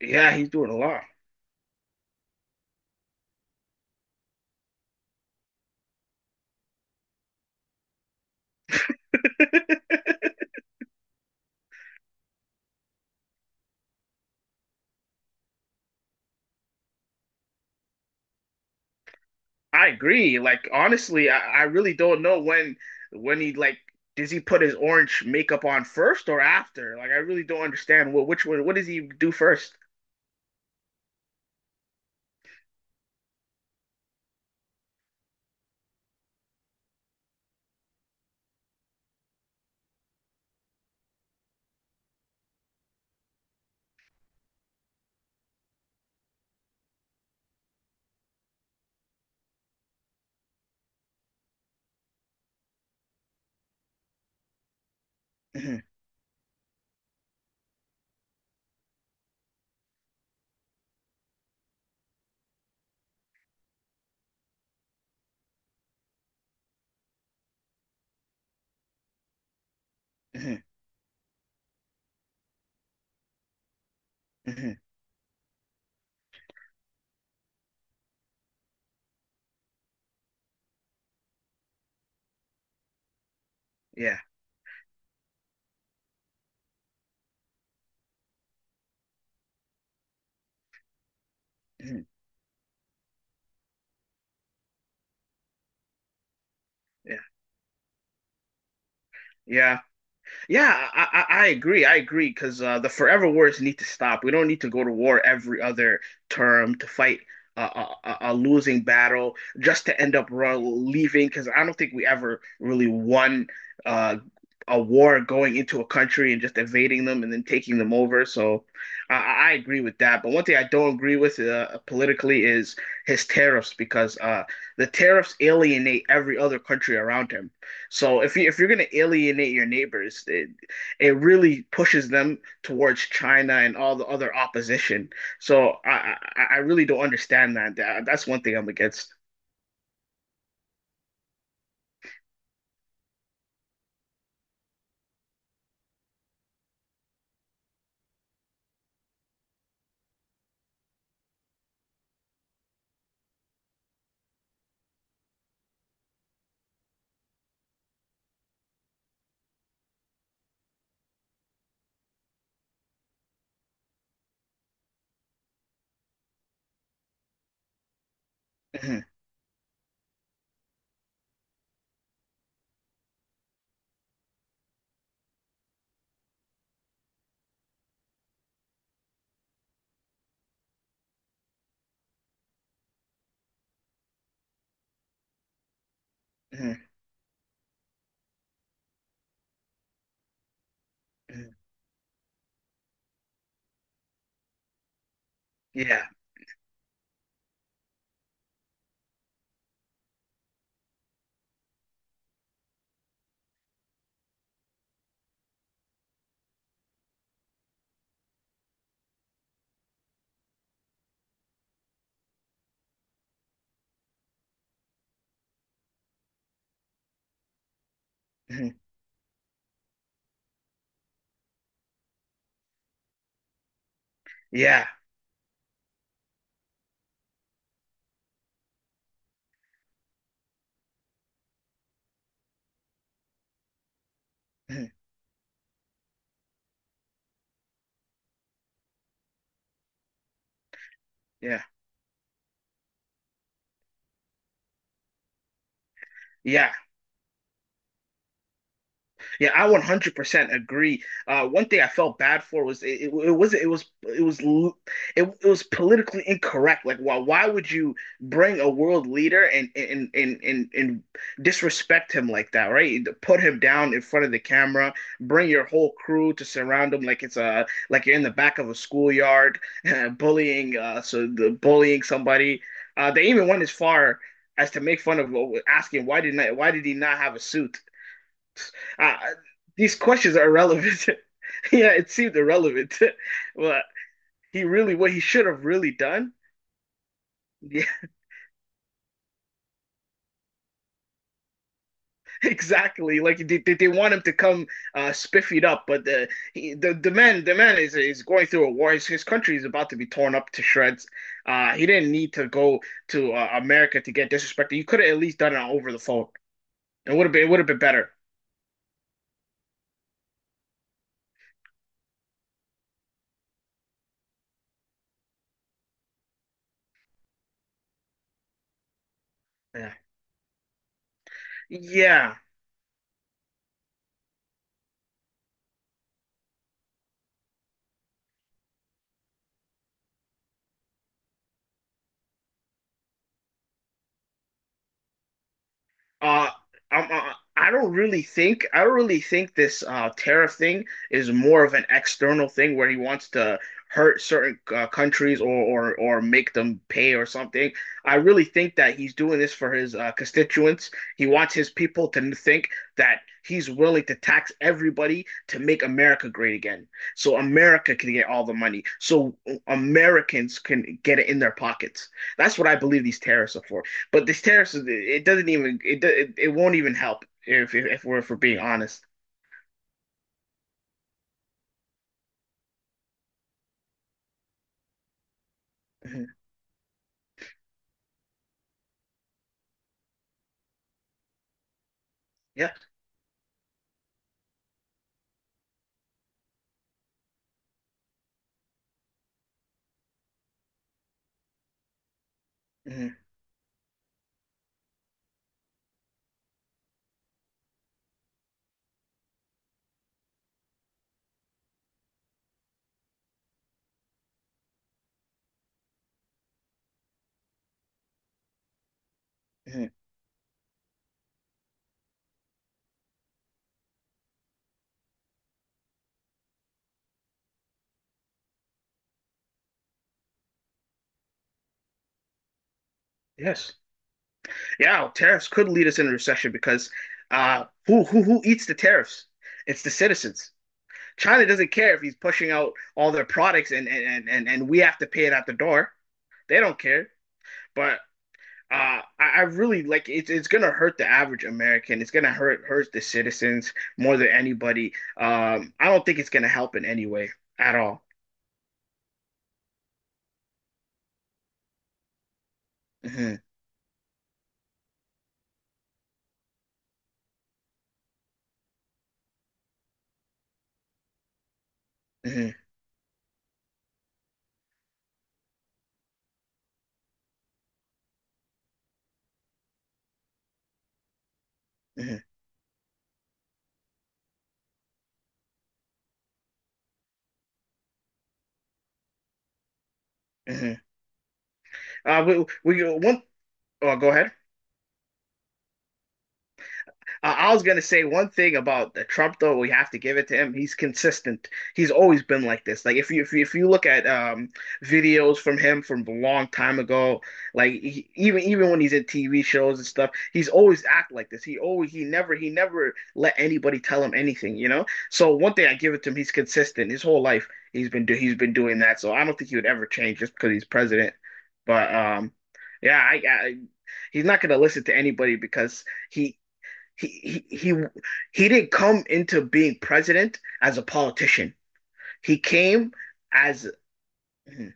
Yeah, he's doing a lot. I agree. Like honestly, I really don't know when he like does he put his orange makeup on first or after? Like I really don't understand what which one what does he do 1st. Hmm. Hmm. Hmm. Yeah. Hmm. Yeah. Yeah. Yeah, I agree. I agree because the forever wars need to stop. We don't need to go to war every other term to fight a losing battle just to end up leaving. Because I don't think we ever really won uh, a war going into a country and just invading them and then taking them over. So I agree with that. But one thing I don't agree with politically is his tariffs because the tariffs alienate every other country around him. So if you're gonna alienate your neighbors, it really pushes them towards China and all the other opposition. So I really don't understand that. That's one thing I'm against. Mhm, mhm, mhm. Yeah, mhm. Yeah, mhm, yeah, yeah. Yeah, I 100% agree. One thing I felt bad for was it was politically incorrect. Like, why would you bring a world leader and disrespect him like that, right? Put him down in front of the camera, bring your whole crew to surround him like it's a like you're in the back of a schoolyard, bullying so the bullying somebody. They even went as far as to make fun of asking why did he not have a suit? Uh, these questions are irrelevant. Yeah, it seemed irrelevant, but he really what he should have really done. Yeah, exactly. Like want him to come spiffied up, but the man is going through a war. His country is about to be torn up to shreds. He didn't need to go to America to get disrespected. You could have at least done it over the phone. It would have been better. Yeah, yeah. Uh, I don't really think this tariff thing is more of an external thing where he wants to hurt certain countries or make them pay or something. I really think that he's doing this for his constituents. He wants his people to think that he's willing to tax everybody to make America great again, so America can get all the money, so Americans can get it in their pockets. That's what I believe these tariffs are for. But these tariffs, it doesn't even it do- it won't even help if we're being honest. Mhm. Yeah. Hmm. Hmm. Yes. Yeah. Tariffs could lead us into recession because who eats the tariffs? It's the citizens. China doesn't care if he's pushing out all their products and we have to pay it out the door. They don't care. But I really, like, it's gonna hurt the average American. It's gonna hurt the citizens more than anybody. I don't think it's gonna help in any way at all. Uh huh. Uh huh. Uh huh. Uh huh. We one. Oh, go ahead. I was gonna say one thing about Trump though. We have to give it to him. He's consistent. He's always been like this. Like if you look at videos from him from a long time ago, like he, even when he's in TV shows and stuff, he's always act like this. He never let anybody tell him anything. You know. So one thing I give it to him, he's consistent. His whole life he's been doing that. So I don't think he would ever change just because he's president. But yeah, I he's not going to listen to anybody because he he he he, he didn't come into being president as a politician. He came as. Mhm,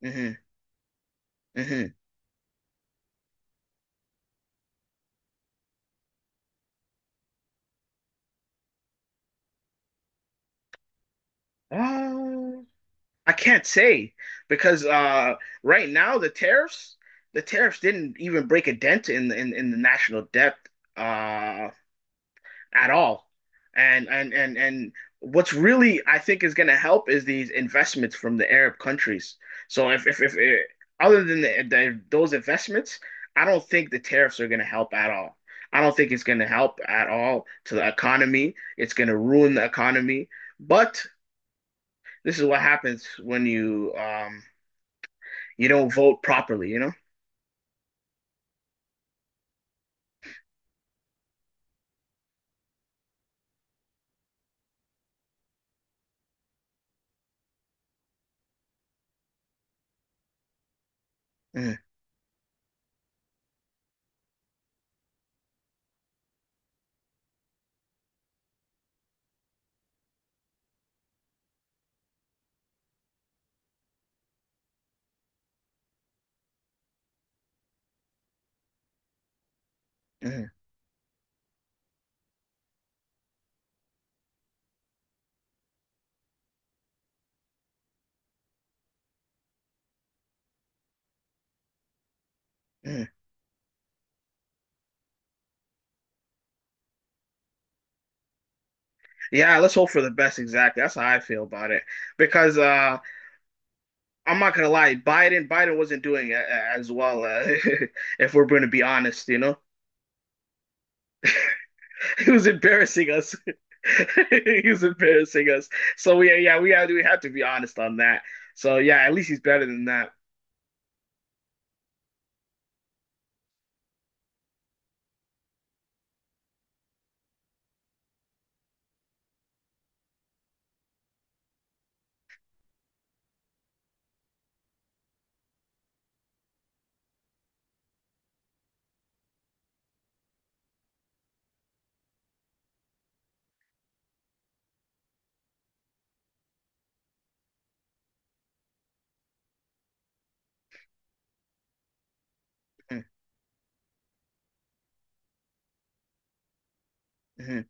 mhm, mhm. Uh, I can't say because right now the tariffs didn't even break a dent in the national debt. Uh, at all. And what's really I think is going to help is these investments from the Arab countries. So if other than those investments, I don't think the tariffs are going to help at all. I don't think it's going to help at all to the economy. It's going to ruin the economy. But this is what happens when you don't vote properly, you know? Mm, mm, mm. Yeah, let's hope for the best. Exactly. That's how I feel about it. Because I'm not gonna lie, Biden wasn't doing as well. If we're going to be honest, he was embarrassing us. He was embarrassing us. So we yeah, we have to be honest on that. So yeah, at least he's better than that. Mhm, mhm,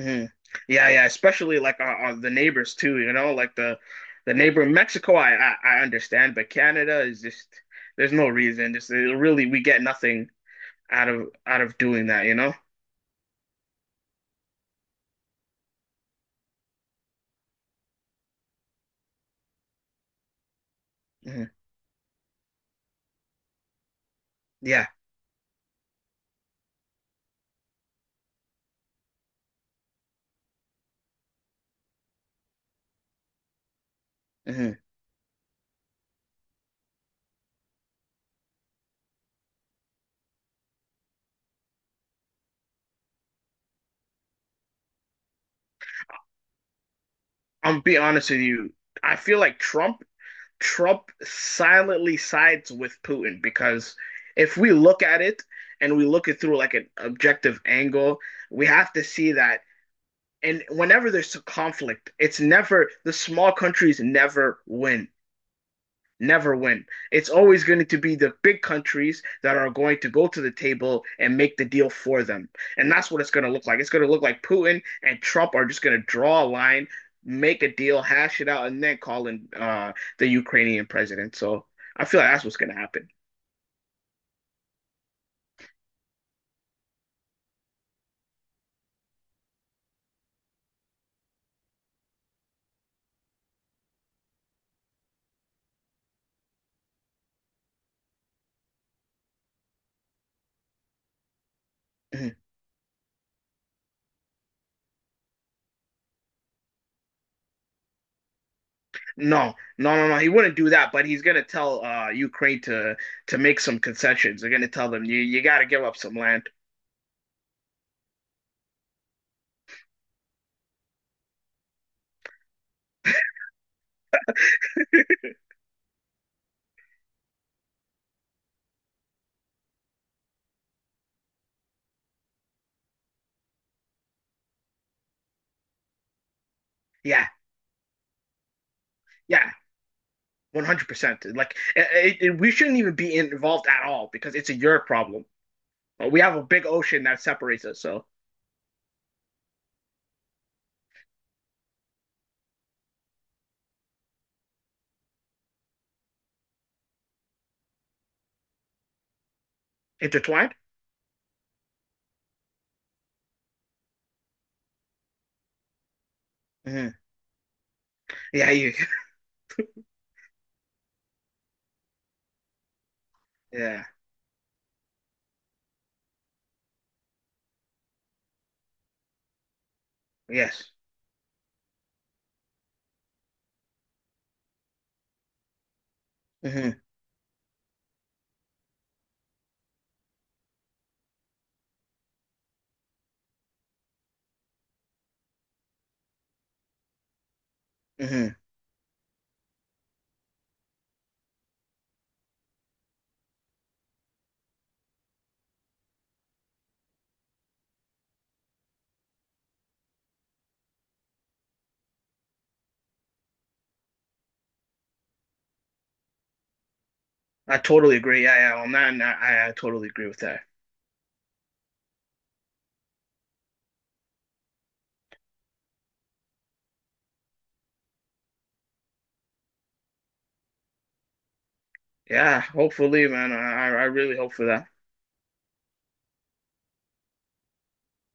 mhm. Yeah, yeah, especially like our the neighbors too. You know, like the neighbor in Mexico, I understand, but Canada is just there's no reason. Just really, we get nothing out of doing that. You know? Mhm. Yeah. Mhm. I'm be honest with you. I feel like Trump silently sides with Putin because if we look at it and we look it through like an objective angle, we have to see that. And whenever there's a conflict, it's never the small countries never win. It's always going to be the big countries that are going to go to the table and make the deal for them. And that's what it's going to look like. It's going to look like Putin and Trump are just going to draw a line, make a deal, hash it out, and then call in the Ukrainian president. So I feel like that's what's going to happen. Mhm. No, no, no, no. He wouldn't do that, but he's gonna tell Ukraine to make some concessions. They're gonna tell them you gotta give up some land. Yeah, yeah. 100%. Like we shouldn't even be involved at all because it's a your problem. We have a big ocean that separates us. So intertwined. Mm-hmm. Yeah. You. Yeah. Yes. Mm-hmm. Mm-hmm. I totally agree. Yeah. Yeah. On that, I totally agree with that. Yeah. Hopefully, man. I really hope for that.